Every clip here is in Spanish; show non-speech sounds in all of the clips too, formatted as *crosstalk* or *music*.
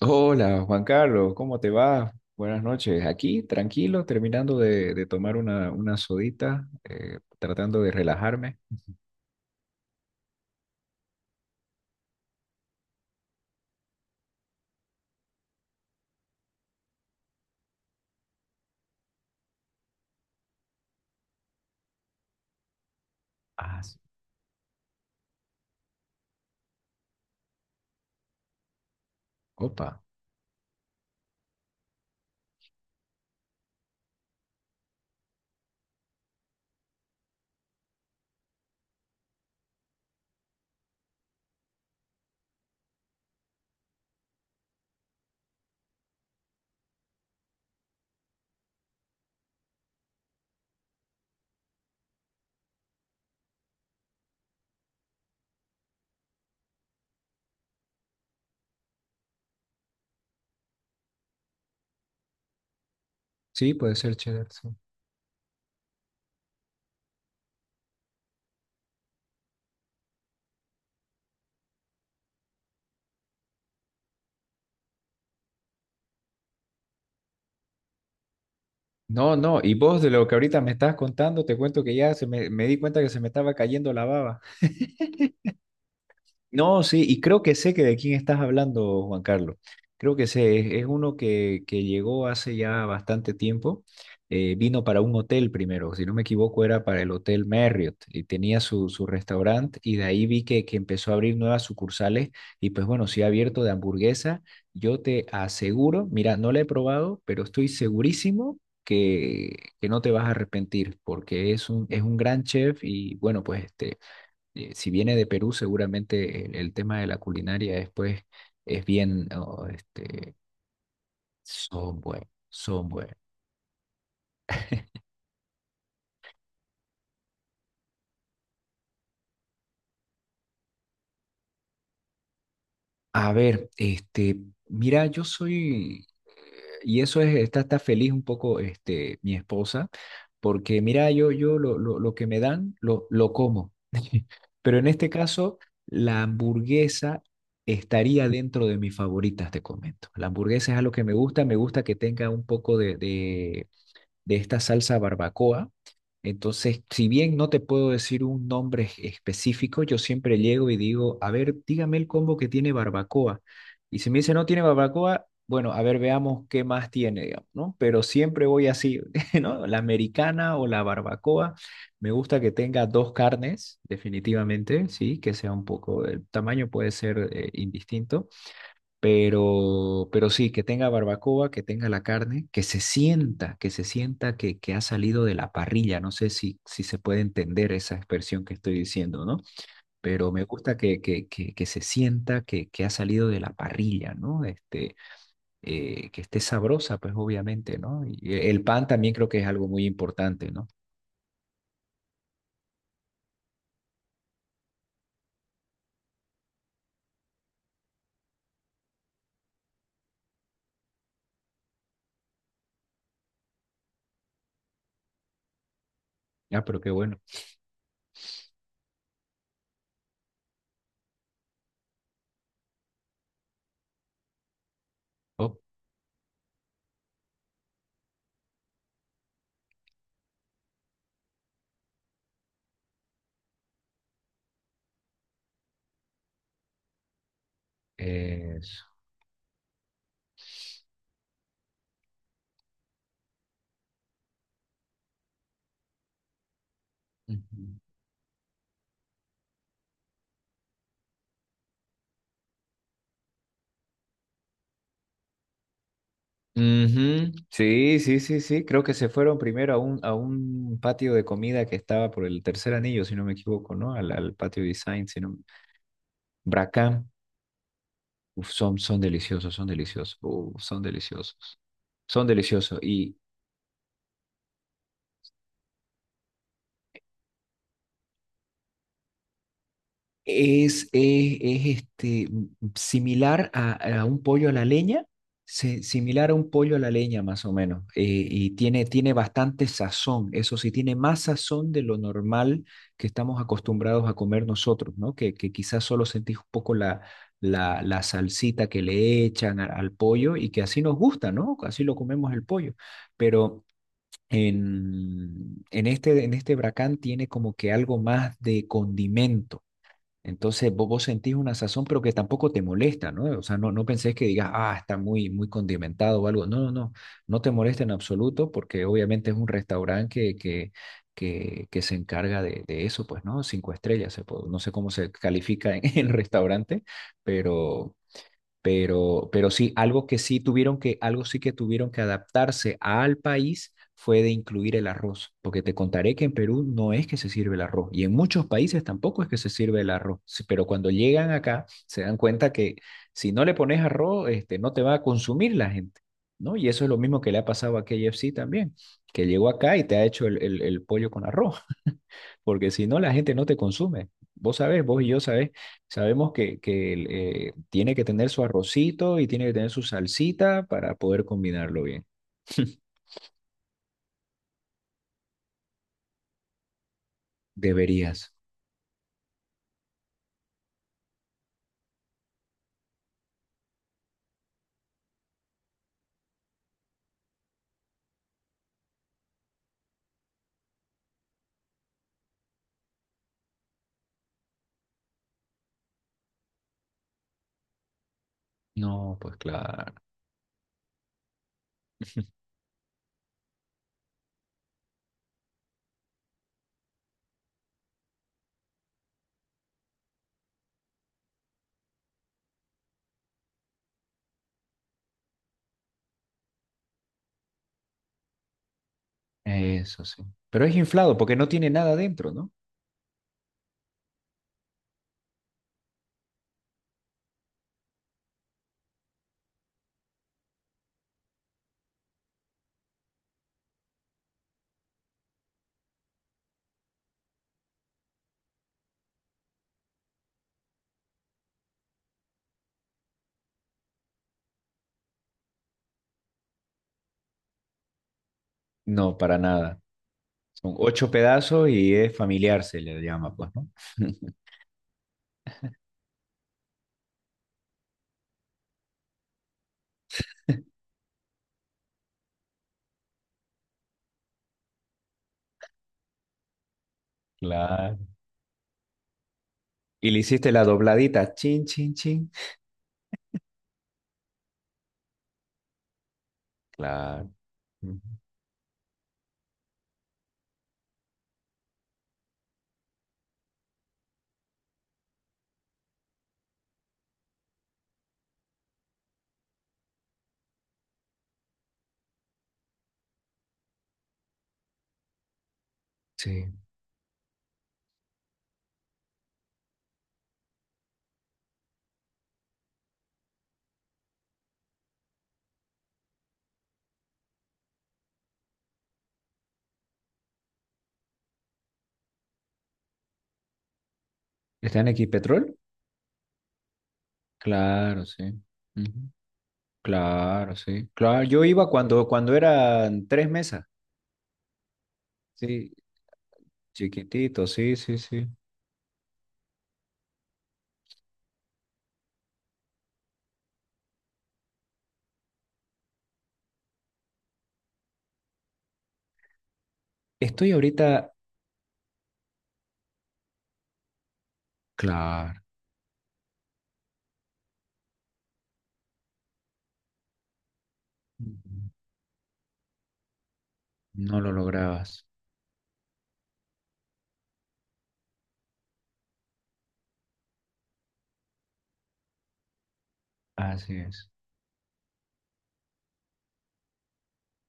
Hola, Juan Carlos, ¿cómo te va? Buenas noches. Aquí, tranquilo, terminando de tomar una sodita, tratando de relajarme. Ah, sí. Opa. Sí, puede ser cheddar, sí. No, no, y vos de lo que ahorita me estás contando, te cuento que ya me di cuenta que se me estaba cayendo la baba. No, sí, y creo que sé que de quién estás hablando, Juan Carlos. Creo que sé, es uno que llegó hace ya bastante tiempo. Vino para un hotel primero, si no me equivoco, era para el Hotel Marriott y tenía su restaurante y de ahí vi que empezó a abrir nuevas sucursales y pues bueno, sí ha abierto de hamburguesa. Yo te aseguro, mira, no la he probado, pero estoy segurísimo que, que no te vas a arrepentir porque es un gran chef y bueno, pues este si viene de Perú, seguramente el tema de la culinaria después es bien, oh, este, son buenos, son buenos. A ver, este, mira, yo soy, y eso está feliz un poco, este, mi esposa, porque mira, yo lo que me dan, lo como. *laughs* Pero en este caso, la hamburguesa estaría dentro de mis favoritas, te comento. La hamburguesa es algo que me gusta que tenga un poco de esta salsa barbacoa. Entonces, si bien no te puedo decir un nombre específico, yo siempre llego y digo, a ver, dígame el combo que tiene barbacoa. Y si me dice no tiene barbacoa, bueno, a ver, veamos qué más tiene, digamos, ¿no? Pero siempre voy así, *laughs* ¿no? La americana o la barbacoa. Me gusta que tenga dos carnes, definitivamente, sí, que sea un poco, el tamaño puede ser indistinto pero sí, que tenga barbacoa, que tenga la carne, que se sienta, que se sienta que ha salido de la parrilla. No sé si se puede entender esa expresión que estoy diciendo, ¿no? Pero me gusta que se sienta que ha salido de la parrilla, ¿no? Este, que esté sabrosa, pues obviamente, ¿no? Y el pan también creo que es algo muy importante, ¿no? Ah, pero qué bueno. Oh. es- Ujú. Ujú. Sí, sí, sí, sí. Creo que se fueron primero a un patio de comida que estaba por el tercer anillo, si no me equivoco, ¿no? Al patio design, si no. Bracam. Uf, son deliciosos, son deliciosos. Uf, son deliciosos. Son deliciosos. Y es, este, similar a un pollo a la leña, similar a un pollo a la leña más o menos, y tiene bastante sazón, eso sí, tiene más sazón de lo normal que estamos acostumbrados a comer nosotros, ¿no? Que quizás solo sentís un poco la salsita que le echan al pollo y que así nos gusta, ¿no? Así lo comemos el pollo, pero. En este bracán tiene como que algo más de condimento entonces vos sentís una sazón, pero que tampoco te molesta, ¿no? O sea, no, no pensés que digas, ah, está muy, muy condimentado o algo. No, no, no, no te molesta en absoluto porque obviamente es un restaurante que se encarga de eso, pues, ¿no? Cinco estrellas, no sé cómo se califica en *laughs* el restaurante, pero, pero sí, algo sí que tuvieron que adaptarse al país fue de incluir el arroz, porque te contaré que en Perú no es que se sirve el arroz y en muchos países tampoco es que se sirve el arroz, sí, pero cuando llegan acá se dan cuenta que si no le pones arroz, este, no te va a consumir la gente, ¿no? Y eso es lo mismo que le ha pasado a KFC también, que llegó acá y te ha hecho el pollo con arroz, *laughs* porque si no la gente no te consume. Vos sabés, vos y yo sabés Sabemos que tiene que tener su arrocito y tiene que tener su salsita para poder combinarlo bien. Deberías. No, pues claro, eso sí. Pero es inflado porque no tiene nada dentro, ¿no? No, para nada. Son ocho pedazos y es familiar, se le llama, pues, ¿no? *laughs* Claro. Y le hiciste la dobladita, chin, chin, chin. Claro. Ujú. Sí. ¿Está en Equipetrol? Claro, sí. Ujú. Claro, sí. Claro, yo iba cuando eran tres mesas. Sí, chiquitito, sí, sí, sí. Estoy ahorita, claro, ujú, no lo lograbas. Así es.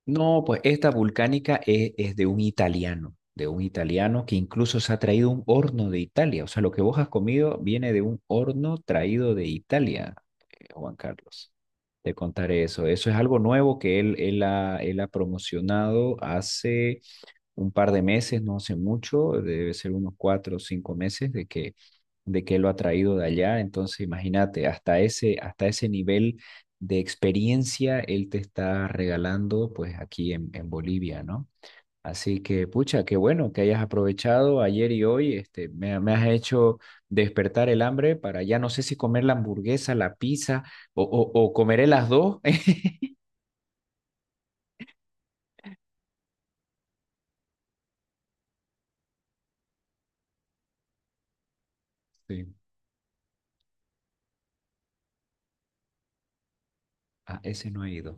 No, pues esta volcánica es de un italiano, que incluso se ha traído un horno de Italia. O sea, lo que vos has comido viene de un horno traído de Italia, Juan Carlos. Te contaré eso. Eso es algo nuevo que él ha promocionado hace un par de meses, no hace mucho, debe ser unos 4 o 5 meses de que lo ha traído de allá. Entonces, imagínate, hasta ese nivel de experiencia él te está regalando pues aquí en Bolivia, ¿no? Así que, pucha, qué bueno que hayas aprovechado ayer y hoy, este, me has hecho despertar el hambre para ya no sé si comer la hamburguesa, la pizza o comeré las dos. *laughs* Sí. Ah, ese no he ido.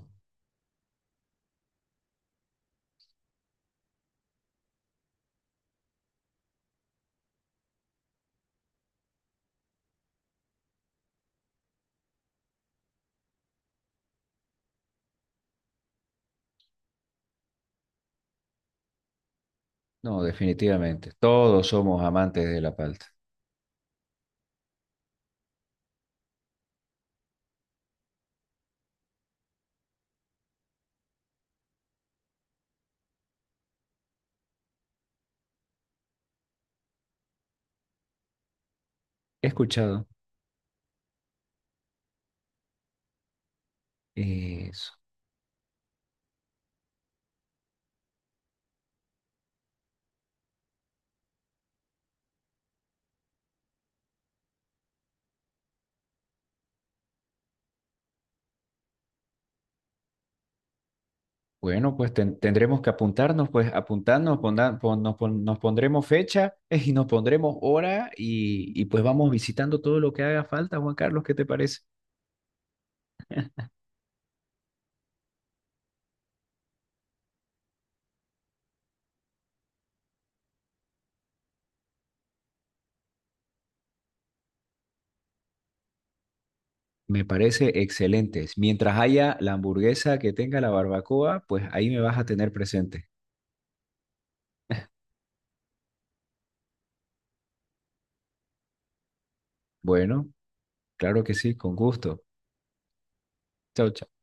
No, definitivamente. Todos somos amantes de la palta. He escuchado. Eso. Bueno, pues tendremos que apuntarnos, pues apuntarnos, nos pondremos fecha *laughs* y nos pondremos hora y pues vamos visitando todo lo que haga falta, Juan Carlos, ¿qué te parece? Me parece excelente. Mientras haya la hamburguesa que tenga la barbacoa, pues ahí me vas a tener presente. Bueno, claro que sí, con gusto. Chao, chao.